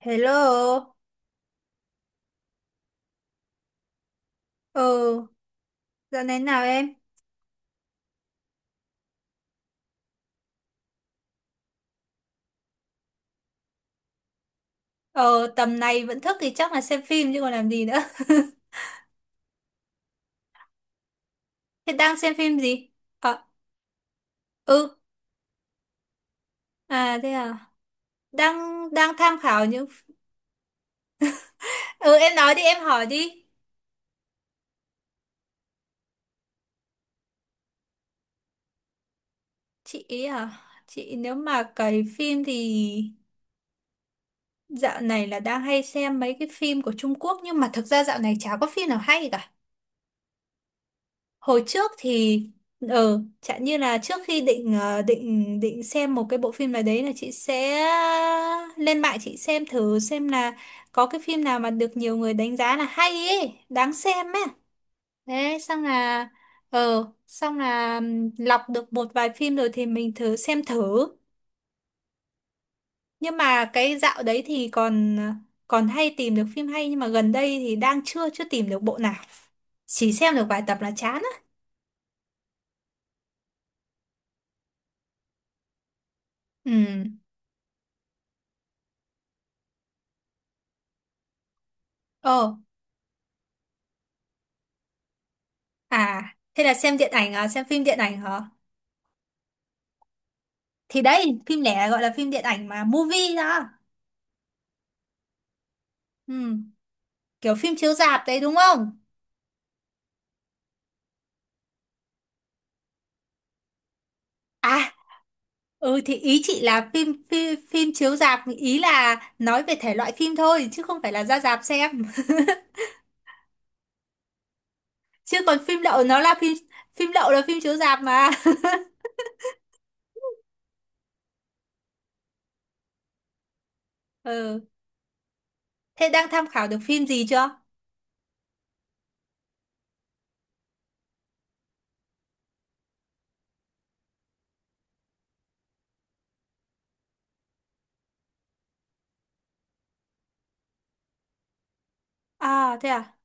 Hello, ờ, dạo này nào em? Ờ, tầm này vẫn thức thì chắc là xem phim chứ còn làm gì nữa. Thế đang xem phim gì? Ờ, ừ, à thế à, đang đang tham khảo những... Ừ, em nói đi, em hỏi đi. Chị ý à, chị nếu mà cày phim thì dạo này là đang hay xem mấy cái phim của Trung Quốc nhưng mà thực ra dạo này chả có phim nào hay cả. Hồi trước thì chẳng như là trước khi định ờ, định định xem một cái bộ phim nào đấy là chị sẽ lên mạng chị xem thử xem là có cái phim nào mà được nhiều người đánh giá là hay ấy đáng xem ấy, thế xong là lọc được một vài phim rồi thì mình thử xem thử, nhưng mà cái dạo đấy thì còn còn hay tìm được phim hay, nhưng mà gần đây thì đang chưa chưa tìm được bộ nào, chỉ xem được vài tập là chán á. Ừ. À, thế là xem điện ảnh à, xem phim điện ảnh hả? Thì đấy, phim lẻ gọi là phim điện ảnh mà, movie đó. Ừ, kiểu phim chiếu rạp đấy đúng không? À, ừ thì ý chị là phim phim, phim chiếu rạp, ý là nói về thể loại phim thôi, chứ không phải là ra rạp xem. Chứ còn phim lậu nó là phim phim lậu là phim chiếu rạp mà. Ừ, thế đang tham khảo được phim gì chưa? À, thế à?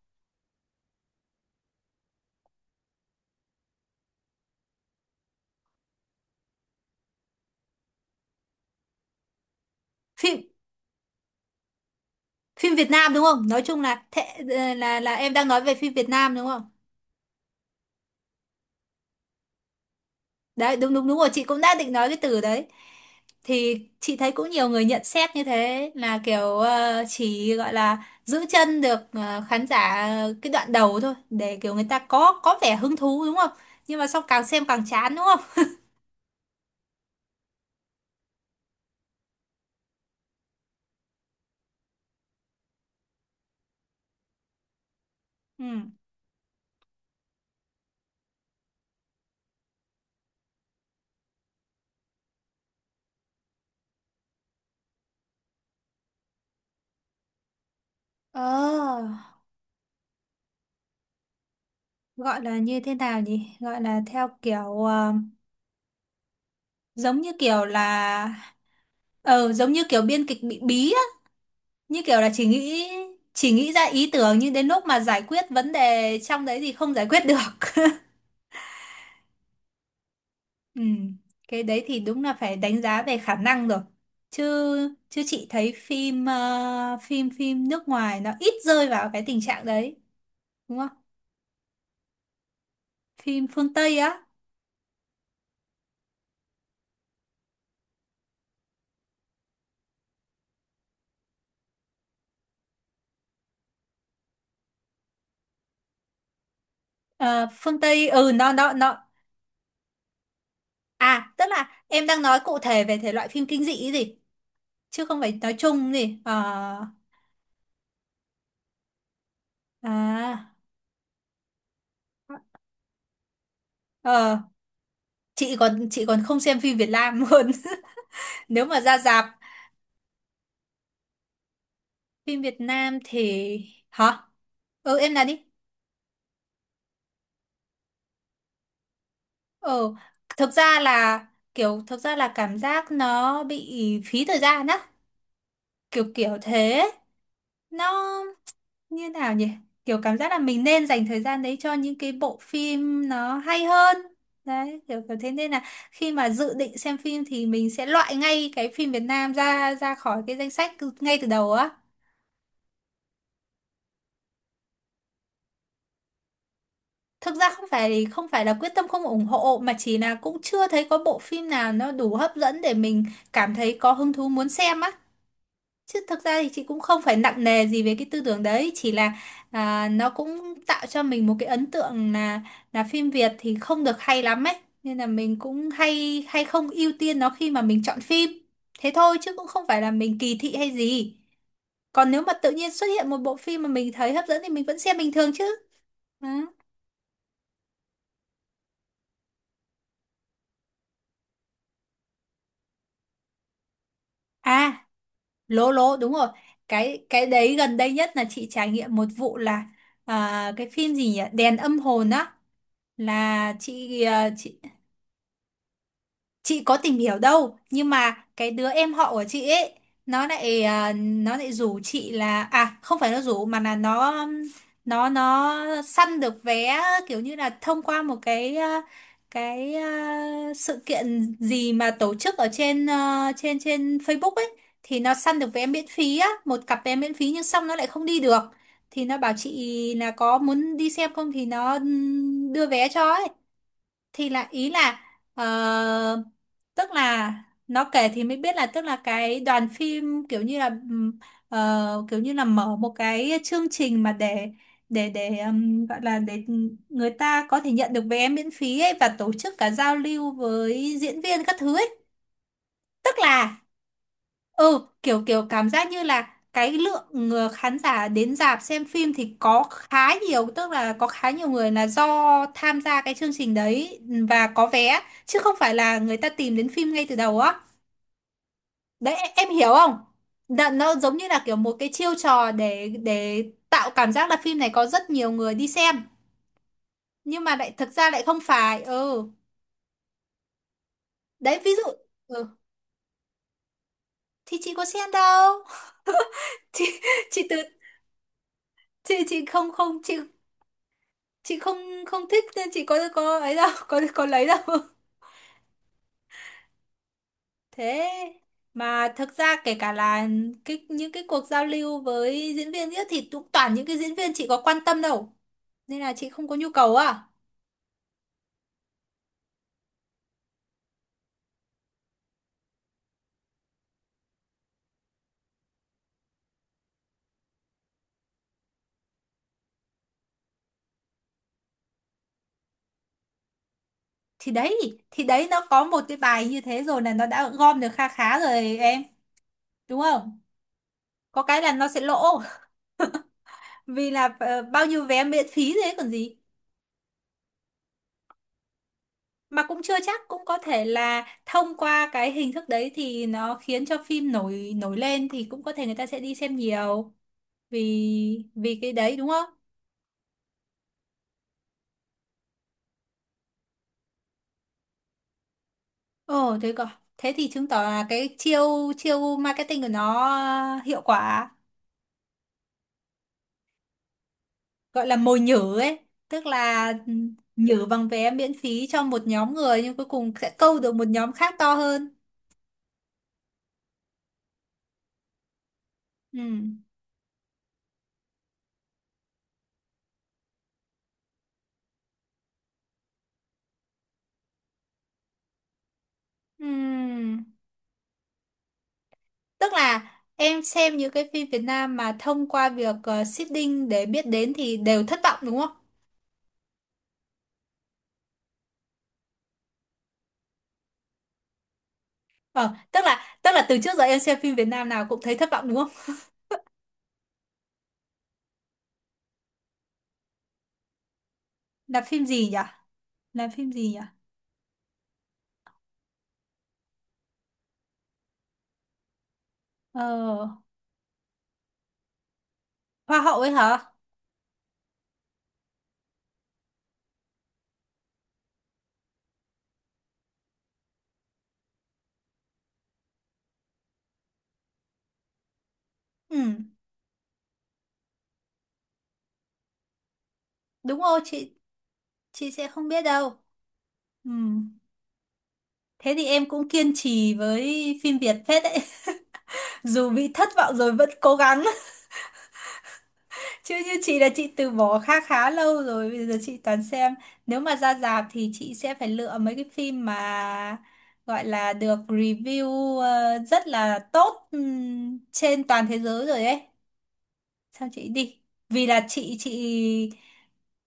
Phim phim Việt Nam đúng không? Nói chung là thế, ờ, là em đang nói về phim Việt Nam đúng không? Đấy, đúng đúng đúng rồi, chị cũng đã định nói cái từ đấy. Thì chị thấy cũng nhiều người nhận xét như thế là kiểu ờ, chỉ gọi là giữ chân được ờ, khán giả cái đoạn đầu thôi để kiểu người ta có vẻ hứng thú đúng không? Nhưng mà sau càng xem càng chán đúng không? Ừ. Ờ, gọi là như thế nào nhỉ? Gọi là theo kiểu ờ, giống như kiểu là giống như kiểu biên kịch bị bí á, như kiểu là chỉ nghĩ ra ý tưởng nhưng đến lúc mà giải quyết vấn đề trong đấy thì không giải quyết được. Ừ, cái đấy thì đúng là phải đánh giá về khả năng rồi. Chứ chứ chị thấy phim ờ, phim phim nước ngoài nó ít rơi vào cái tình trạng đấy, đúng không? Phim phương Tây á, ờ, phương Tây ừ nó. À tức là em đang nói cụ thể về thể loại phim kinh dị ấy gì, chứ không phải nói chung gì. Ờ. À ờ chị còn không xem phim Việt Nam luôn. Nếu mà ra rạp phim Việt Nam thì hả? Ừ em nói đi. Ờ, thực ra là cảm giác nó bị phí thời gian á, kiểu kiểu thế. Nó như nào nhỉ? Kiểu cảm giác là mình nên dành thời gian đấy cho những cái bộ phim nó hay hơn. Đấy, kiểu kiểu thế nên là khi mà dự định xem phim thì mình sẽ loại ngay cái phim Việt Nam ra ra khỏi cái danh sách ngay từ đầu á. Thực ra không phải là quyết tâm không ủng hộ mà chỉ là cũng chưa thấy có bộ phim nào nó đủ hấp dẫn để mình cảm thấy có hứng thú muốn xem á. Chứ thực ra thì chị cũng không phải nặng nề gì về cái tư tưởng đấy, chỉ là à, nó cũng tạo cho mình một cái ấn tượng là phim Việt thì không được hay lắm ấy, nên là mình cũng hay hay không ưu tiên nó khi mà mình chọn phim. Thế thôi chứ cũng không phải là mình kỳ thị hay gì. Còn nếu mà tự nhiên xuất hiện một bộ phim mà mình thấy hấp dẫn thì mình vẫn xem bình thường chứ. Ừ. À, lố lố đúng rồi. Cái đấy gần đây nhất là chị trải nghiệm một vụ là à, cái phim gì nhỉ? Đèn âm hồn á, là chị à, chị có tìm hiểu đâu, nhưng mà cái đứa em họ của chị ấy nó lại à, nó lại rủ chị là à không phải nó rủ mà là nó săn được vé, kiểu như là thông qua một cái à, sự kiện gì mà tổ chức ở trên à, trên trên Facebook ấy, thì nó săn được vé miễn phí á, một cặp vé miễn phí nhưng xong nó lại không đi được, thì nó bảo chị là có muốn đi xem không thì nó đưa vé cho ấy, thì là ý là ờ, tức là nó kể thì mới biết là tức là cái đoàn phim kiểu như là kiểu như là mở một cái chương trình mà để gọi là để người ta có thể nhận được vé miễn phí ấy và tổ chức cả giao lưu với diễn viên các thứ ấy, tức là ừ kiểu kiểu cảm giác như là cái lượng ờ, khán giả đến rạp xem phim thì có khá nhiều, tức là có khá nhiều người là do tham gia cái chương trình đấy và có vé, chứ không phải là người ta tìm đến phim ngay từ đầu á. Đấy, em hiểu không? Đ nó giống như là kiểu một cái chiêu trò để tạo cảm giác là phim này có rất nhiều người đi xem nhưng mà lại thực ra lại không phải. Ừ, đấy ví dụ. Ừ thì chị có xem đâu. chị chị từ chị không không chị không không thích nên chị có ấy đâu. Có lấy đâu. Thế mà thực ra kể cả là những cái cuộc giao lưu với diễn viên nữa thì cũng toàn những cái diễn viên chị có quan tâm đâu, nên là chị không có nhu cầu. À thì đấy thì đấy nó có một cái bài như thế rồi là nó đã gom được kha khá rồi em, đúng không? Có cái là nó sẽ lỗ, vì là ờ, bao nhiêu vé miễn phí thế còn gì. Mà cũng chưa chắc, cũng có thể là thông qua cái hình thức đấy thì nó khiến cho phim nổi nổi lên thì cũng có thể người ta sẽ đi xem nhiều vì vì cái đấy đúng không? Ồ thế còn thế thì chứng tỏ là cái chiêu chiêu marketing của nó hiệu quả, gọi là mồi nhử ấy, tức là ừ, nhử bằng vé miễn phí cho một nhóm người nhưng cuối cùng sẽ câu được một nhóm khác to hơn. Ừ. Ừ. Tức là em xem những cái phim Việt Nam mà thông qua việc ờ, seeding để biết đến thì đều thất vọng đúng không? Ờ, tức là từ trước giờ em xem phim Việt Nam nào cũng thấy thất vọng đúng không? Là phim gì nhỉ? Là phim gì nhỉ? Ờ, Hoa hậu ấy hả? Ừ, đúng rồi, chị sẽ không biết đâu. Ừ, thế thì em cũng kiên trì với phim Việt phết đấy. Dù bị thất vọng rồi vẫn cố gắng. Chứ như chị là chị từ bỏ khá khá lâu rồi, bây giờ chị toàn xem. Nếu mà ra rạp thì chị sẽ phải lựa mấy cái phim mà gọi là được review ờ, rất là tốt trên toàn thế giới rồi ấy. Sao chị đi? Vì là chị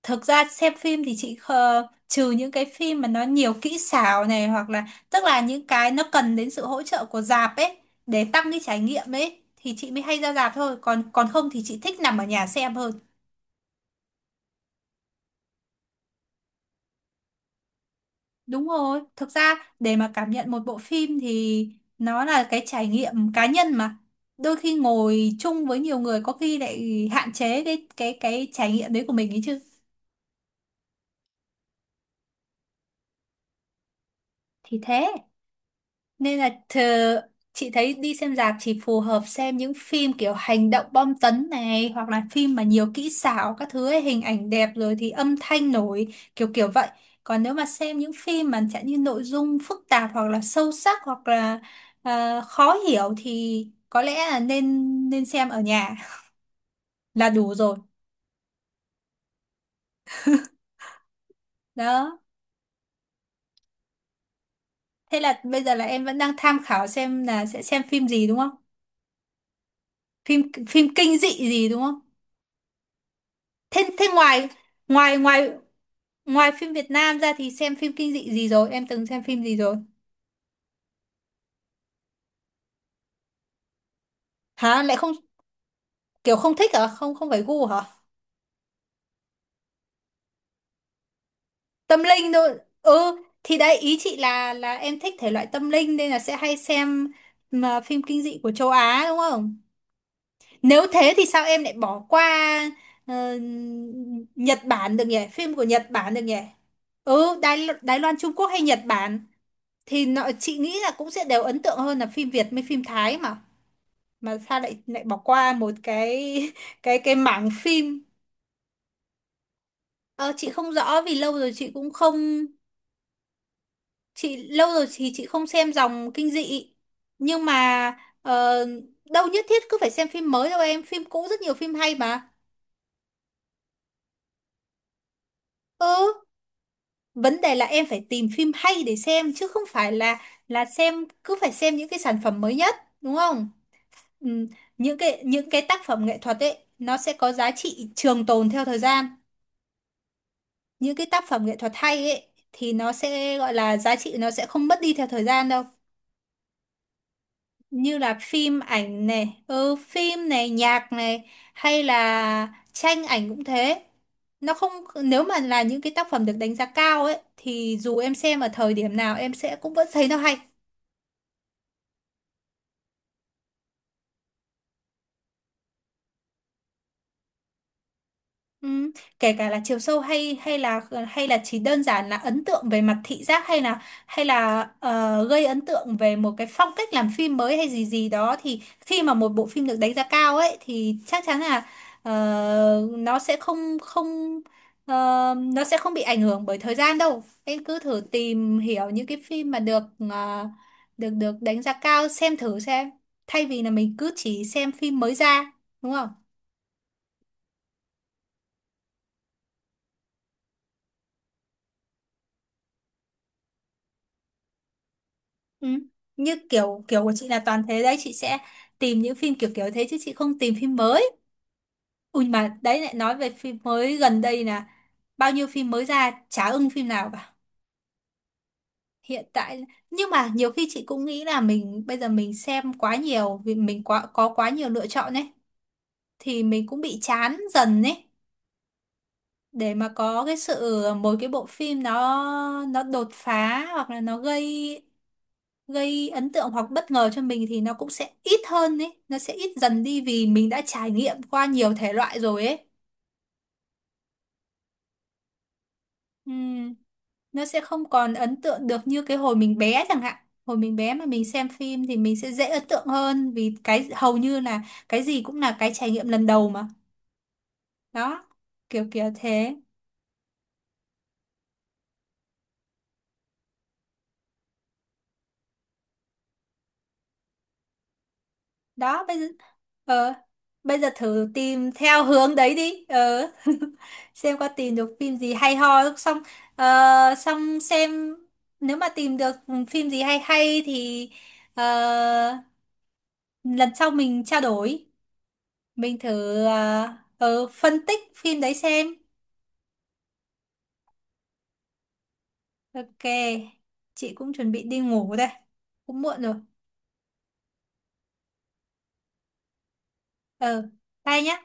thực ra xem phim thì chị khờ, trừ những cái phim mà nó nhiều kỹ xảo này hoặc là tức là những cái nó cần đến sự hỗ trợ của rạp ấy để tăng cái trải nghiệm ấy thì chị mới hay ra rạp thôi, còn còn không thì chị thích nằm ở nhà xem hơn. Đúng rồi, thực ra để mà cảm nhận một bộ phim thì nó là cái trải nghiệm cá nhân mà. Đôi khi ngồi chung với nhiều người có khi lại hạn chế cái trải nghiệm đấy của mình ấy chứ. Thì thế. Nên là thờ, chị thấy đi xem rạp chỉ phù hợp xem những phim kiểu hành động bom tấn này hoặc là phim mà nhiều kỹ xảo các thứ ấy, hình ảnh đẹp rồi thì âm thanh nổi kiểu kiểu vậy. Còn nếu mà xem những phim mà chẳng như nội dung phức tạp hoặc là sâu sắc hoặc là ờ, khó hiểu thì có lẽ là nên nên xem ở nhà là đủ rồi. Đó. Thế là bây giờ là em vẫn đang tham khảo xem là sẽ xem phim gì đúng không? Phim phim kinh dị gì đúng không? Thế thế ngoài ngoài ngoài Ngoài phim Việt Nam ra thì xem phim kinh dị gì rồi? Em từng xem phim gì rồi? Hả? Lại không kiểu không thích hả? Không không phải gu hả? Tâm linh thôi. Ừ, thì đấy ý chị là em thích thể loại tâm linh nên là sẽ hay xem mà phim kinh dị của châu Á đúng không? Nếu thế thì sao em lại bỏ qua ờ, Nhật Bản được nhỉ? Phim của Nhật Bản được nhỉ? Ừ, Đài Loan, Trung Quốc hay Nhật Bản thì nó, chị nghĩ là cũng sẽ đều ấn tượng hơn là phim Việt với phim Thái mà. Mà sao lại lại bỏ qua một cái cái mảng phim. Ờ, chị không rõ vì lâu rồi chị cũng không, chị lâu rồi thì chị không xem dòng kinh dị, nhưng mà ờ, đâu nhất thiết cứ phải xem phim mới đâu em, phim cũ rất nhiều phim hay mà. Ừ, vấn đề là em phải tìm phim hay để xem chứ không phải là xem, cứ phải xem những cái sản phẩm mới nhất, đúng không? Ừ, những cái tác phẩm nghệ thuật ấy nó sẽ có giá trị trường tồn theo thời gian, những cái tác phẩm nghệ thuật hay ấy thì nó sẽ gọi là giá trị, nó sẽ không mất đi theo thời gian đâu, như là phim ảnh này, ừ, phim này, nhạc này hay là tranh ảnh cũng thế. Nó không, nếu mà là những cái tác phẩm được đánh giá cao ấy thì dù em xem ở thời điểm nào em sẽ cũng vẫn thấy nó hay. Ừ. Kể cả là chiều sâu hay hay là chỉ đơn giản là ấn tượng về mặt thị giác hay là gây ấn tượng về một cái phong cách làm phim mới hay gì gì đó, thì khi mà một bộ phim được đánh giá cao ấy thì chắc chắn là ờ, nó sẽ không không ờ, nó sẽ không bị ảnh hưởng bởi thời gian đâu. Em cứ thử tìm hiểu những cái phim mà được ờ, được được đánh giá cao xem thử xem, thay vì là mình cứ chỉ xem phim mới ra, đúng không? Ừ. Như kiểu kiểu của chị là toàn thế đấy, chị sẽ tìm những phim kiểu kiểu thế chứ chị không tìm phim mới. Ui mà đấy, lại nói về phim mới gần đây là bao nhiêu phim mới ra chả ưng phim nào cả hiện tại. Nhưng mà nhiều khi chị cũng nghĩ là mình bây giờ mình xem quá nhiều, vì mình có quá nhiều lựa chọn ấy thì mình cũng bị chán dần ấy. Để mà có cái sự một cái bộ phim nó đột phá hoặc là nó gây gây ấn tượng hoặc bất ngờ cho mình thì nó cũng sẽ ít hơn ấy, nó sẽ ít dần đi vì mình đã trải nghiệm qua nhiều thể loại rồi ấy. Ừm, nó sẽ không còn ấn tượng được như cái hồi mình bé chẳng hạn. Hồi mình bé mà mình xem phim thì mình sẽ dễ ấn tượng hơn vì cái hầu như là cái gì cũng là cái trải nghiệm lần đầu mà. Đó, kiểu kiểu thế. Đó bây giờ, ờ, bây giờ thử tìm theo hướng đấy đi xem có tìm được phim gì hay ho không. Xong ờ, xong xem, nếu mà tìm được phim gì hay hay thì ờ, lần sau mình trao đổi, mình thử phân tích phim đấy xem. Ok, chị cũng chuẩn bị đi ngủ đây, cũng muộn rồi. ờ Bye nhá.